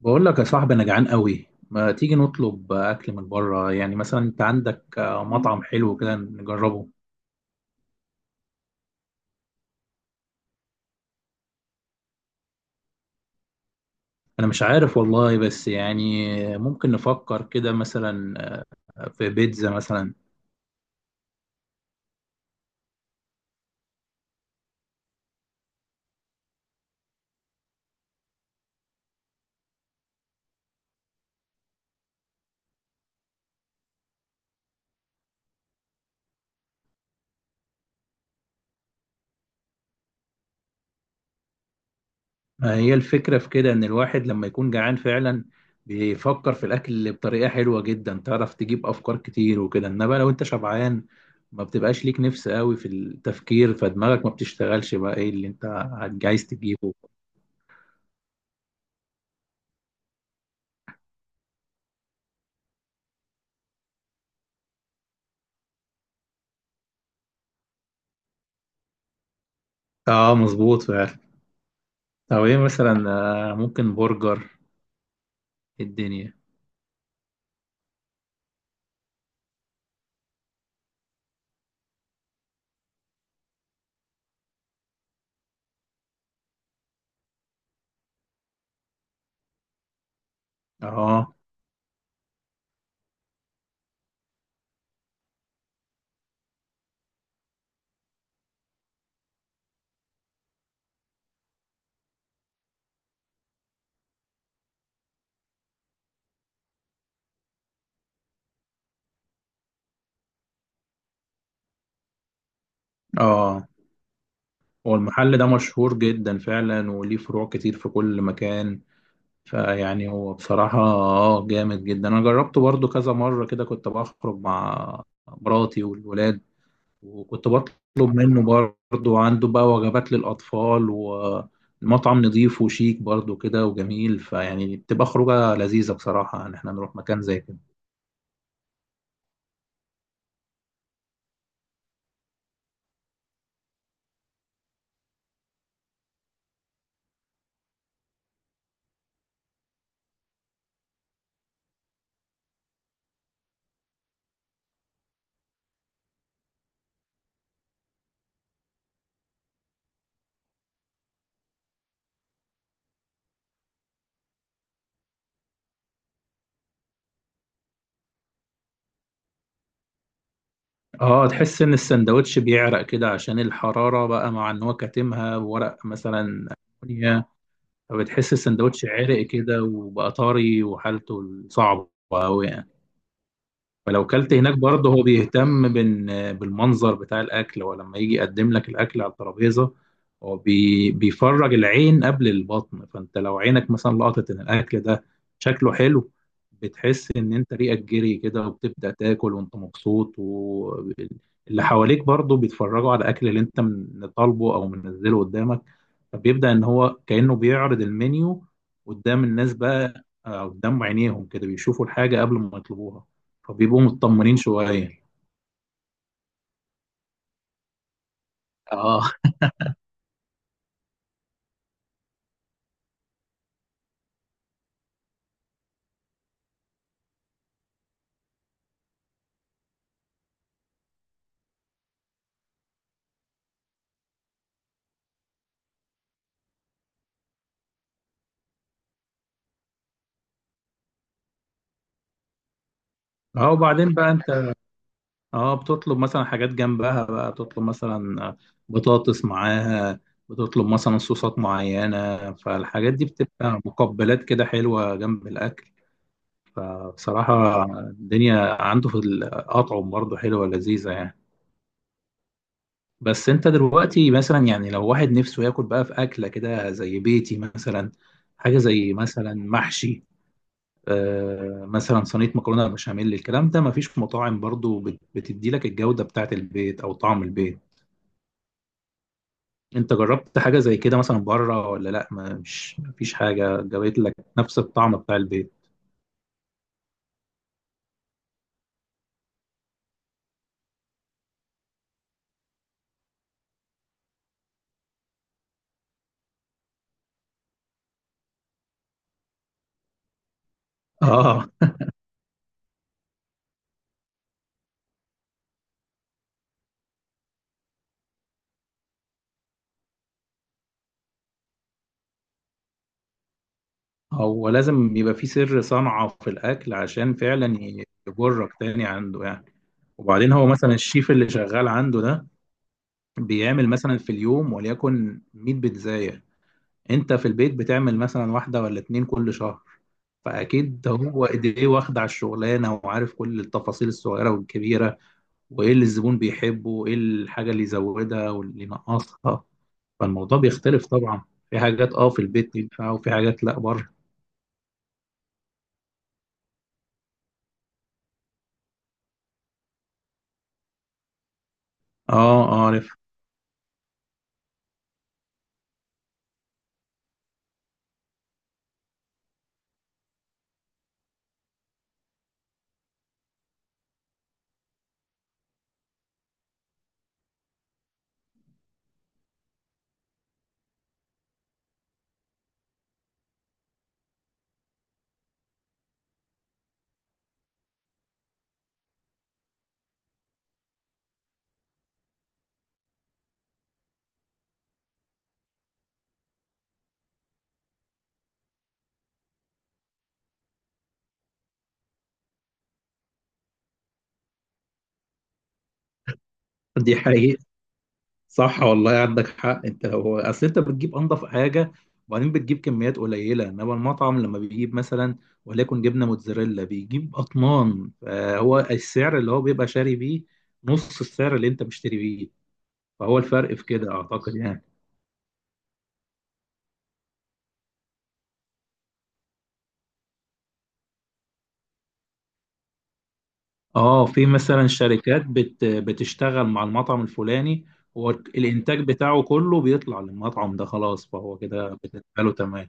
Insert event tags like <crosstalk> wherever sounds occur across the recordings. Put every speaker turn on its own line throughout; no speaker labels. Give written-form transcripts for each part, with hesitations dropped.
بقول لك يا صاحبي انا جعان قوي، ما تيجي نطلب اكل من بره؟ يعني مثلا انت عندك مطعم حلو كده نجربه. انا مش عارف والله، بس يعني ممكن نفكر كده مثلا. آه، في بيتزا مثلا. هي الفكرة في كده ان الواحد لما يكون جعان فعلا بيفكر في الاكل بطريقة حلوة جدا، تعرف تجيب افكار كتير وكده، انما لو انت شبعان ما بتبقاش ليك نفس قوي في التفكير، فدماغك ما بتشتغلش بقى ايه اللي انت عايز تجيبه. اه مظبوط فعلا. او ايه مثلا؟ آه، ممكن برجر. إيه الدنيا. اه. اه. هو المحل ده مشهور جدا فعلا وليه فروع كتير في كل مكان، فيعني هو بصراحة اه جامد جدا. انا جربته برضو كذا مرة كده، كنت بخرج مع مراتي والولاد وكنت بطلب منه. برضو عنده بقى وجبات للأطفال، والمطعم نظيف وشيك برضو كده وجميل، فيعني بتبقى خروجة لذيذة بصراحة ان احنا نروح مكان زي كده. اه تحس ان السندوتش بيعرق كده عشان الحرارة بقى، مع ان هو كاتمها بورق مثلا ألمونيا. فبتحس السندوتش عرق كده وبقى طري وحالته صعبة أوي يعني. فلو كلت هناك برضه، هو بيهتم بالمنظر بتاع الأكل. هو لما يجي يقدم لك الأكل على الترابيزة، هو بيفرج العين قبل البطن، فأنت لو عينك مثلا لقطت إن الأكل ده شكله حلو، بتحس إن أنت ريقك جري كده وبتبدأ تاكل وأنت مبسوط، واللي حواليك برضه بيتفرجوا على الأكل اللي أنت طالبه أو منزله قدامك. فبيبدأ إن هو كأنه بيعرض المنيو قدام الناس بقى، آه، قدام عينيهم كده بيشوفوا الحاجة قبل ما يطلبوها. فبيبقوا مطمنين شوية. اه. اه وبعدين بقى انت اه بتطلب مثلا حاجات جنبها، بقى بتطلب مثلا بطاطس معاها، بتطلب مثلا صوصات معينة، فالحاجات دي بتبقى مقبلات كده حلوة جنب الأكل. فبصراحة الدنيا عنده في الأطعم برضه حلوة لذيذة يعني. بس انت دلوقتي مثلا، يعني لو واحد نفسه ياكل بقى في أكلة كده زي بيتي مثلا، حاجة زي مثلا محشي، آه، مثلا صينيه مكرونه بشاميل، الكلام ده مفيش مطاعم برضو بتدي لك الجوده بتاعت البيت او طعم البيت. انت جربت حاجه زي كده مثلا بره ولا لا؟ مش مفيش حاجه جابت لك نفس الطعم بتاع البيت؟ اه. هو لازم يبقى في سر صنعه في الاكل عشان فعلا يجرك تاني عنده يعني. وبعدين هو مثلا الشيف اللي شغال عنده ده بيعمل مثلا في اليوم وليكن 100 بيتزاية، انت في البيت بتعمل مثلا واحدة ولا اتنين كل شهر. فأكيد هو إيديه واخدة على الشغلانة وعارف كل التفاصيل الصغيرة والكبيرة، وإيه اللي الزبون بيحبه وإيه الحاجة اللي يزودها واللي ينقصها. فالموضوع بيختلف طبعا، في حاجات اه في البيت ينفع وفي حاجات لا بره. اه. اه عارف. دي حقيقة. صح والله عندك حق. انت لو اصل انت بتجيب انضف حاجه، وبعدين بتجيب كميات قليله، انما المطعم لما بيجيب مثلا وليكن جبنه موتزاريلا بيجيب اطنان، فهو السعر اللي هو بيبقى شاري بيه نص السعر اللي انت مشتري بيه. فهو الفرق في كده اعتقد يعني. اه في مثلا شركات بتشتغل مع المطعم الفلاني، هو الانتاج بتاعه كله بيطلع للمطعم ده خلاص، فهو كده بالنسبه له تمام.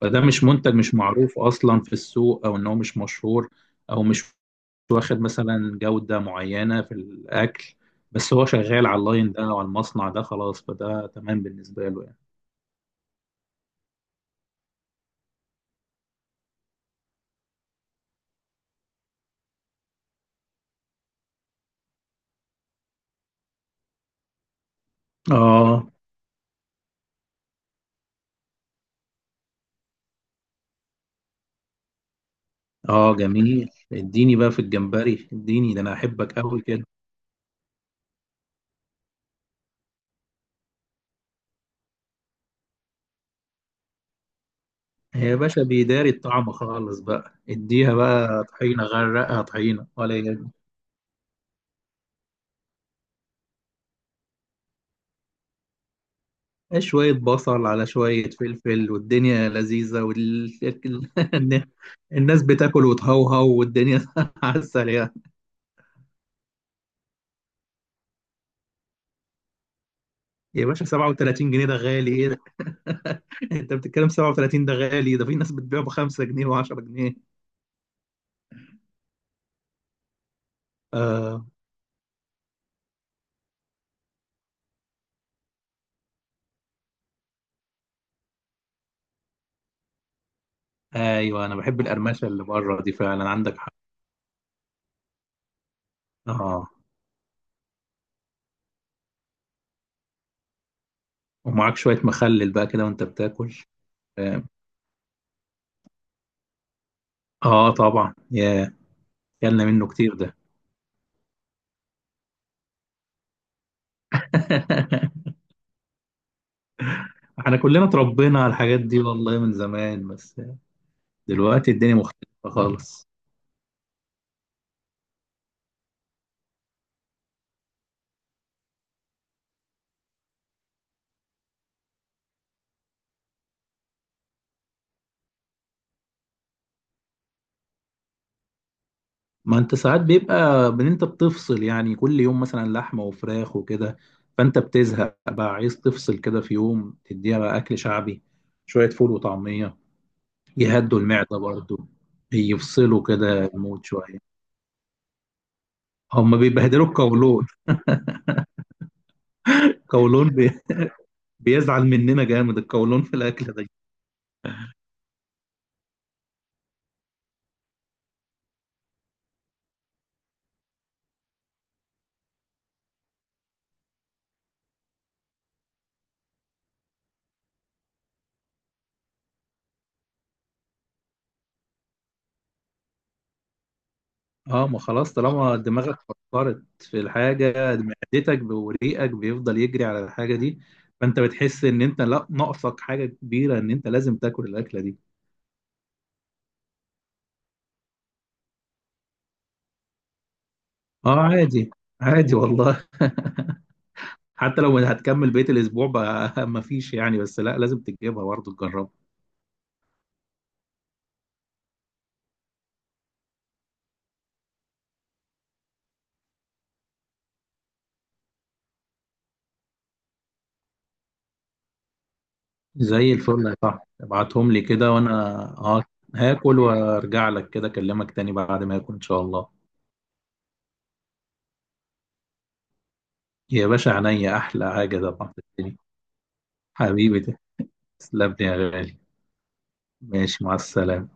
فده مش منتج، مش معروف اصلا في السوق، او ان هو مش مشهور او مش واخد مثلا جودة معينة في الأكل، بس هو شغال على اللاين ده أو على المصنع ده خلاص، فده تمام بالنسبة له يعني. آه. آه جميل، اديني بقى في الجمبري، اديني ده أنا أحبك أوي كده. يا باشا بيداري الطعم خالص، بقى اديها بقى طحينة، غرقها طحينة ولا يهمك. إيه شوية بصل على شوية فلفل والدنيا لذيذة وال... <laughs> الناس بتاكل وتهوهو والدنيا <laughs> عسل يعني. يا باشا 37 جنيه ده غالي ايه ده؟ <laughs> انت بتتكلم 37 ده غالي؟ ده في ناس بتبيعه ب 5 جنيه و10 جنيه. آه. ايوه انا بحب القرمشه اللي بره دي فعلا، عندك حق. اه. ومعاك شويه مخلل بقى كده وانت بتاكل. اه. آه، طبعا يا، كلنا منه كتير ده. <laughs> احنا كلنا اتربينا على الحاجات دي والله من زمان، بس دلوقتي الدنيا مختلفه خالص. ما انت ساعات بيبقى ان انت بتفصل يعني، كل يوم مثلا لحمه وفراخ وكده، فانت بتزهق بقى، عايز تفصل كده في يوم، تديها بقى اكل شعبي، شويه فول وطعميه، يهدوا المعده برضو، يفصلوا كده المود شويه. هم بيبهدلوا القولون. <laughs> القولون بي... بيزعل مننا جامد القولون في الاكل ده. اه ما خلاص، طالما دماغك فكرت في الحاجة، معدتك وريقك بيفضل يجري على الحاجة دي، فانت بتحس ان انت لا ناقصك حاجة كبيرة، ان انت لازم تاكل الاكلة دي. اه عادي. عادي والله. <laughs> حتى لو هتكمل بقية الاسبوع بقى، <laughs> مفيش يعني، بس لا لازم تجيبها برضه، تجربها. زي الفل يا صاحبي، ابعتهم لي كده وانا اه هاكل وارجع لك كده، اكلمك تاني بعد ما اكل ان شاء الله. يا باشا عينيا، احلى حاجة طبعا في الدنيا. حبيبي تسلم لي يا غالي. ماشي مع السلامة.